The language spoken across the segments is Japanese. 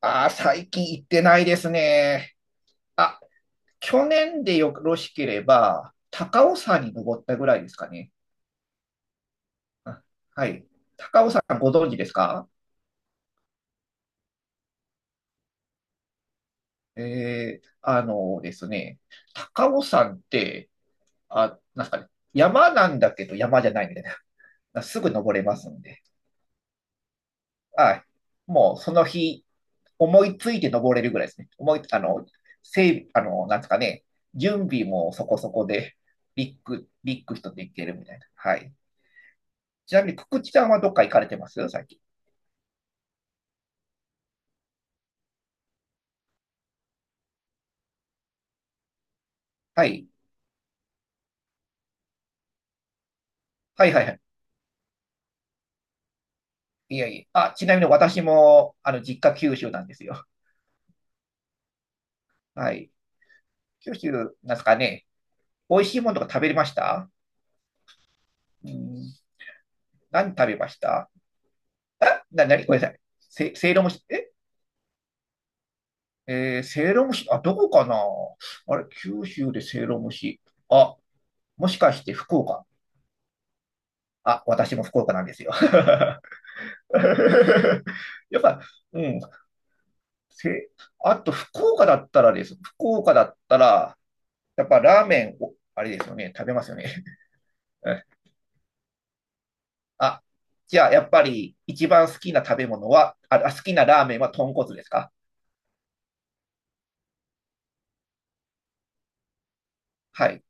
ああ、最近行ってないですね。あ、去年でよろしければ、高尾山に登ったぐらいですかね。あはい。高尾山ご存知ですか？あのですね、高尾山って、あ、なんすかね、山なんだけど山じゃないみたいな。すぐ登れますんで。はい。もうその日、思いついて登れるぐらいですね。思い、あの、整備、あの、なんですかね、準備もそこそこで、ビッグ人で行けるみたいな。はい。ちなみに、くくちさんはどっか行かれてます最近？はい。はいはいはい。いやいや。ちなみに私も、実家九州なんですよ。はい。九州、なんですかね。美味しいものとか食べれました？うん。何食べました？なに、ごめんなさい。せいろ蒸し、ええー、せいろ蒸し、どこかな？あれ、九州でせいろ蒸し。あ、もしかして福岡？私も福岡なんですよ。やっぱ、うん。せ、あと福岡だったらです。福岡だったら、やっぱラーメンを、あれですよね、食べますよね。あ、じゃあやっぱり一番好きな食べ物は、好きなラーメンは豚骨ですか？はい。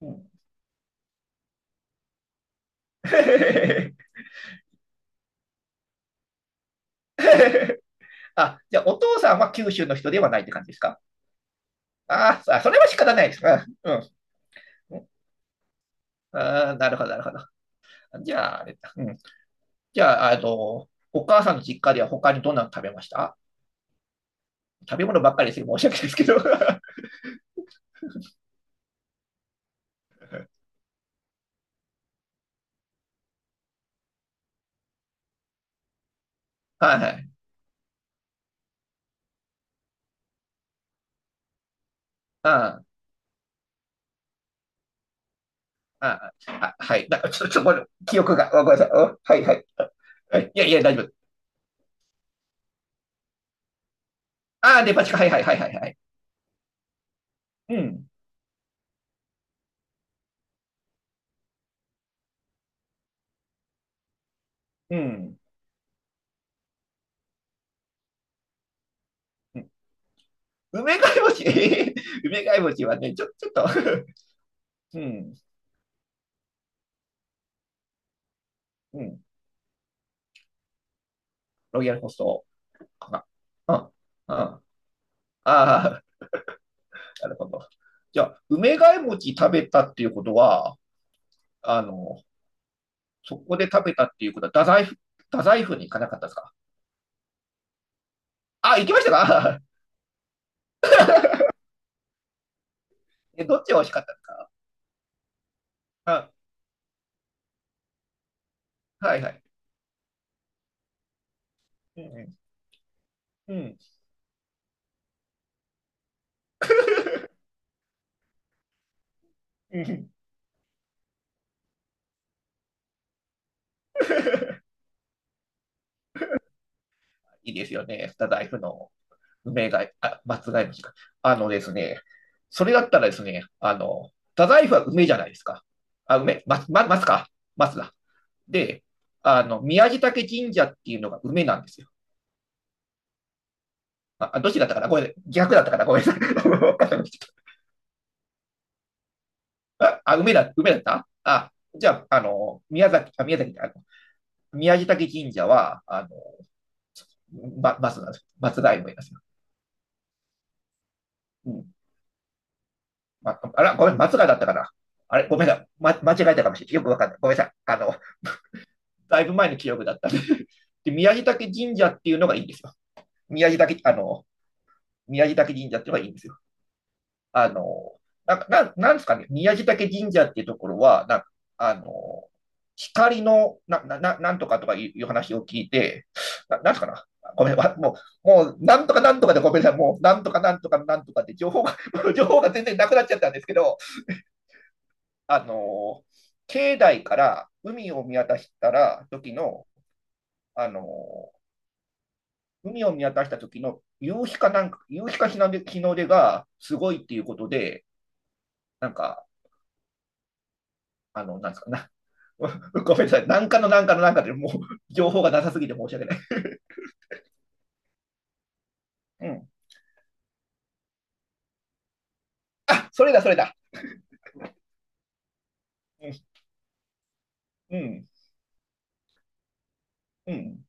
うん。じゃあお父さんは九州の人ではないって感じですか？あーあ、それは仕方ないです。うん。うんなるほど、なるほど。じゃあ、あれだ。うん。じゃあ、お母さんの実家では他にどんなの食べました？食べ物ばっかりですよ。申し訳ないですけど。はいはい。ああ、ああ、はい。ちょっと、ごめん、記憶が、ごめんなさい。うんはい、はい。はい、いやいや、大丈夫。ああ、デパ地下、はいはいはいはいはい。うん、うん。うん、梅貝餅、梅貝餅はね、ちょっと うん、うん。ロイヤルホストかな。あ、あ、ああ、なるほど。じゃあ、梅貝餅食べたっていうことは、あの、そこで食べたっていうことは、太宰府に行かなかったですか？行きましたか？ え、どっちが美味しかったですか？あ、はいはい。うんうん。いいですよね。スタダイフの梅貝、名あ、松外虫か。あのですね、それだったらですね、スタダイフは梅じゃないですか。あ、梅、松、松か。松だ。で、宮地嶽神社っていうのが梅なんですよ。どっちだったかな、これ逆だったかな、ごめんなさい。梅だ、梅だったあ、じゃあ、宮崎、宮崎、宮地嶽神社は、松なんですよ。松代梅ですよ。うん、ああら、ごめん、松川だったかな。あれ、ごめんな、間違えたかもしれない。よくわかんない。ごめんなさい。だいぶ前の記憶だったんで。で、宮城岳神社っていうのがいいんですよ。宮地岳、あの、宮地岳神社っていうのがいいんですよ。あの、なんか、なんなんですかね、宮城岳神社っていうところは、なんか、あの、光の、ななんとかとかいう話を聞いて、なんすかな。ごめん、わもう、もう、なんとかなんとかでごめんなさい。もう、なんとかなんとかなんとかって情報が、情報が全然なくなっちゃったんですけど、あの、境内から海を見渡したら、時の、あの、海を見渡した時の夕日かなんか、夕日か日の出、日の出がすごいっていうことで、なんか、なんですかな。ごめんなさい。なんかのなんかのなんかでもう情報がなさすぎて申し訳ない。うん。それだ、それだ。うん、うん、うん。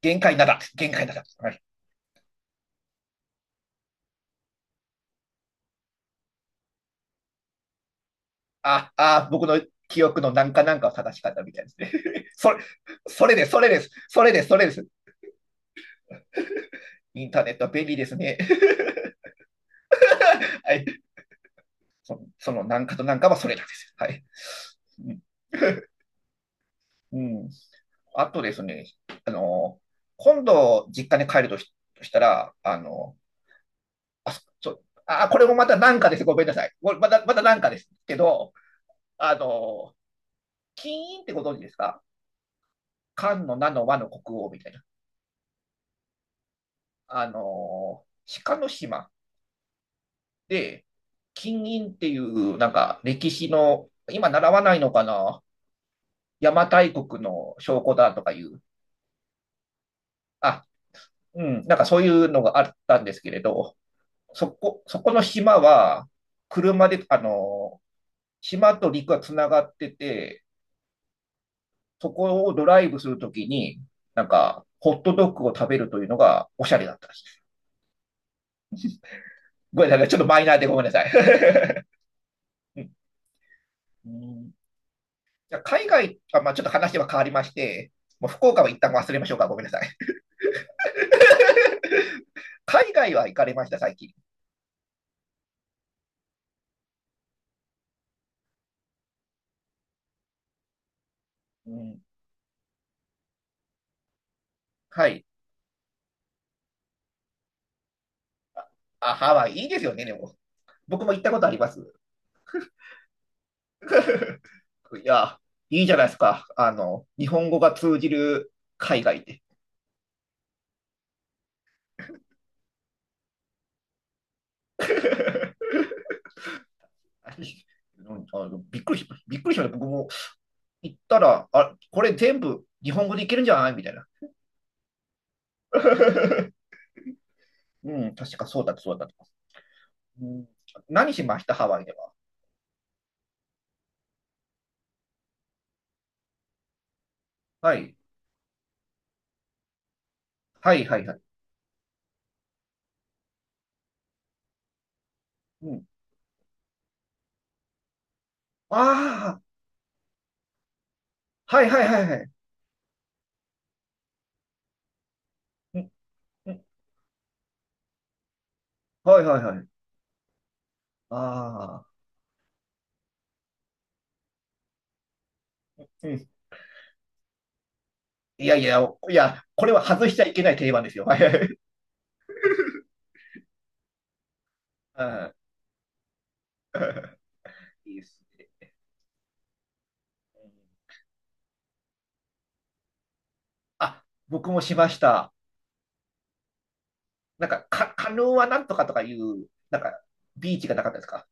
限界なだ。限界なだ。はい。僕の記憶のなんかなんかを正しかったみたいですね。それ、それです、それです、それです、それです。インターネットは便利ですね。はい、そのなんかとなんかはそれなんです、はい。うん。あとですね、あの、今度実家に帰るとしたら、あ、そう、これもまたなんかです。ごめんなさい。これまた、またなんかですけど、あの、金印ってご存知ですか？漢の名の和の国王みたいな。あの、鹿の島で、金印っていう、なんか歴史の、今習わないのかな？邪馬台国の証拠だとかいう、あ、うん、なんかそういうのがあったんですけれど、そこの島は、車で、島と陸がつながってて、そこをドライブするときに、なんか、ホットドッグを食べるというのがおしゃれだったんです。ごめんなさい、ちょっとマイナーでごめんなさい。うんうん、じゃあ海外、まあ、ちょっと話は変わりまして、もう福岡は一旦忘れましょうか、ごめんなさい。海外は行かれました、最近？うん、はい。ハワイ、いいですよね、でも。僕も行ったことあります。いや、いいじゃないですか。日本語が通じる海外で。びっくりしました。僕も行ったら、これ全部日本語でいけるんじゃないみたいな。うん、確かそうだったそうだった。うん、何しましたハワイでは？はい。はいはいはい。うん。ああ、はいはいはいはい。うん、うん、はいはいはい。ああ、うん。いやいや、いや、これは外しちゃいけない定番ですよ。はいはい。うん いいですね。あ、僕もしました。なんか、カヌーはなんとかとかいう、なんか、ビーチがなかったですか？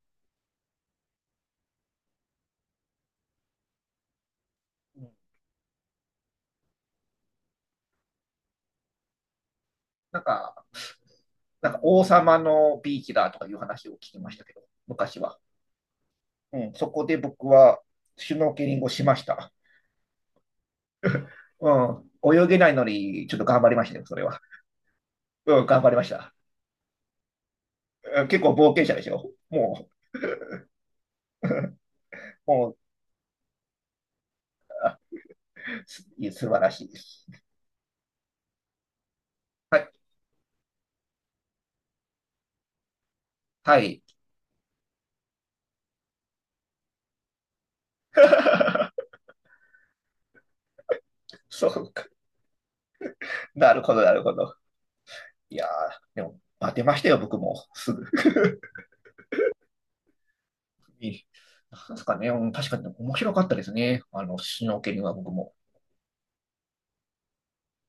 うん。なんか、なんか王様のビーチだとかいう話を聞きましたけど、昔は。うん。そこで僕は、シュノーケリングをしました。うん。泳げないのに、ちょっと頑張りましたよ、それは。うん、頑張りました。うん、結構冒険者でしょ、もう、もう、あすいや、素晴らしいです。はい。はい。そうか。なるほど、なるほど。いやー、でも、当てましたよ、僕も。すぐ。なんですかね、うん、確かに面白かったですね。シュノーケリングは僕も。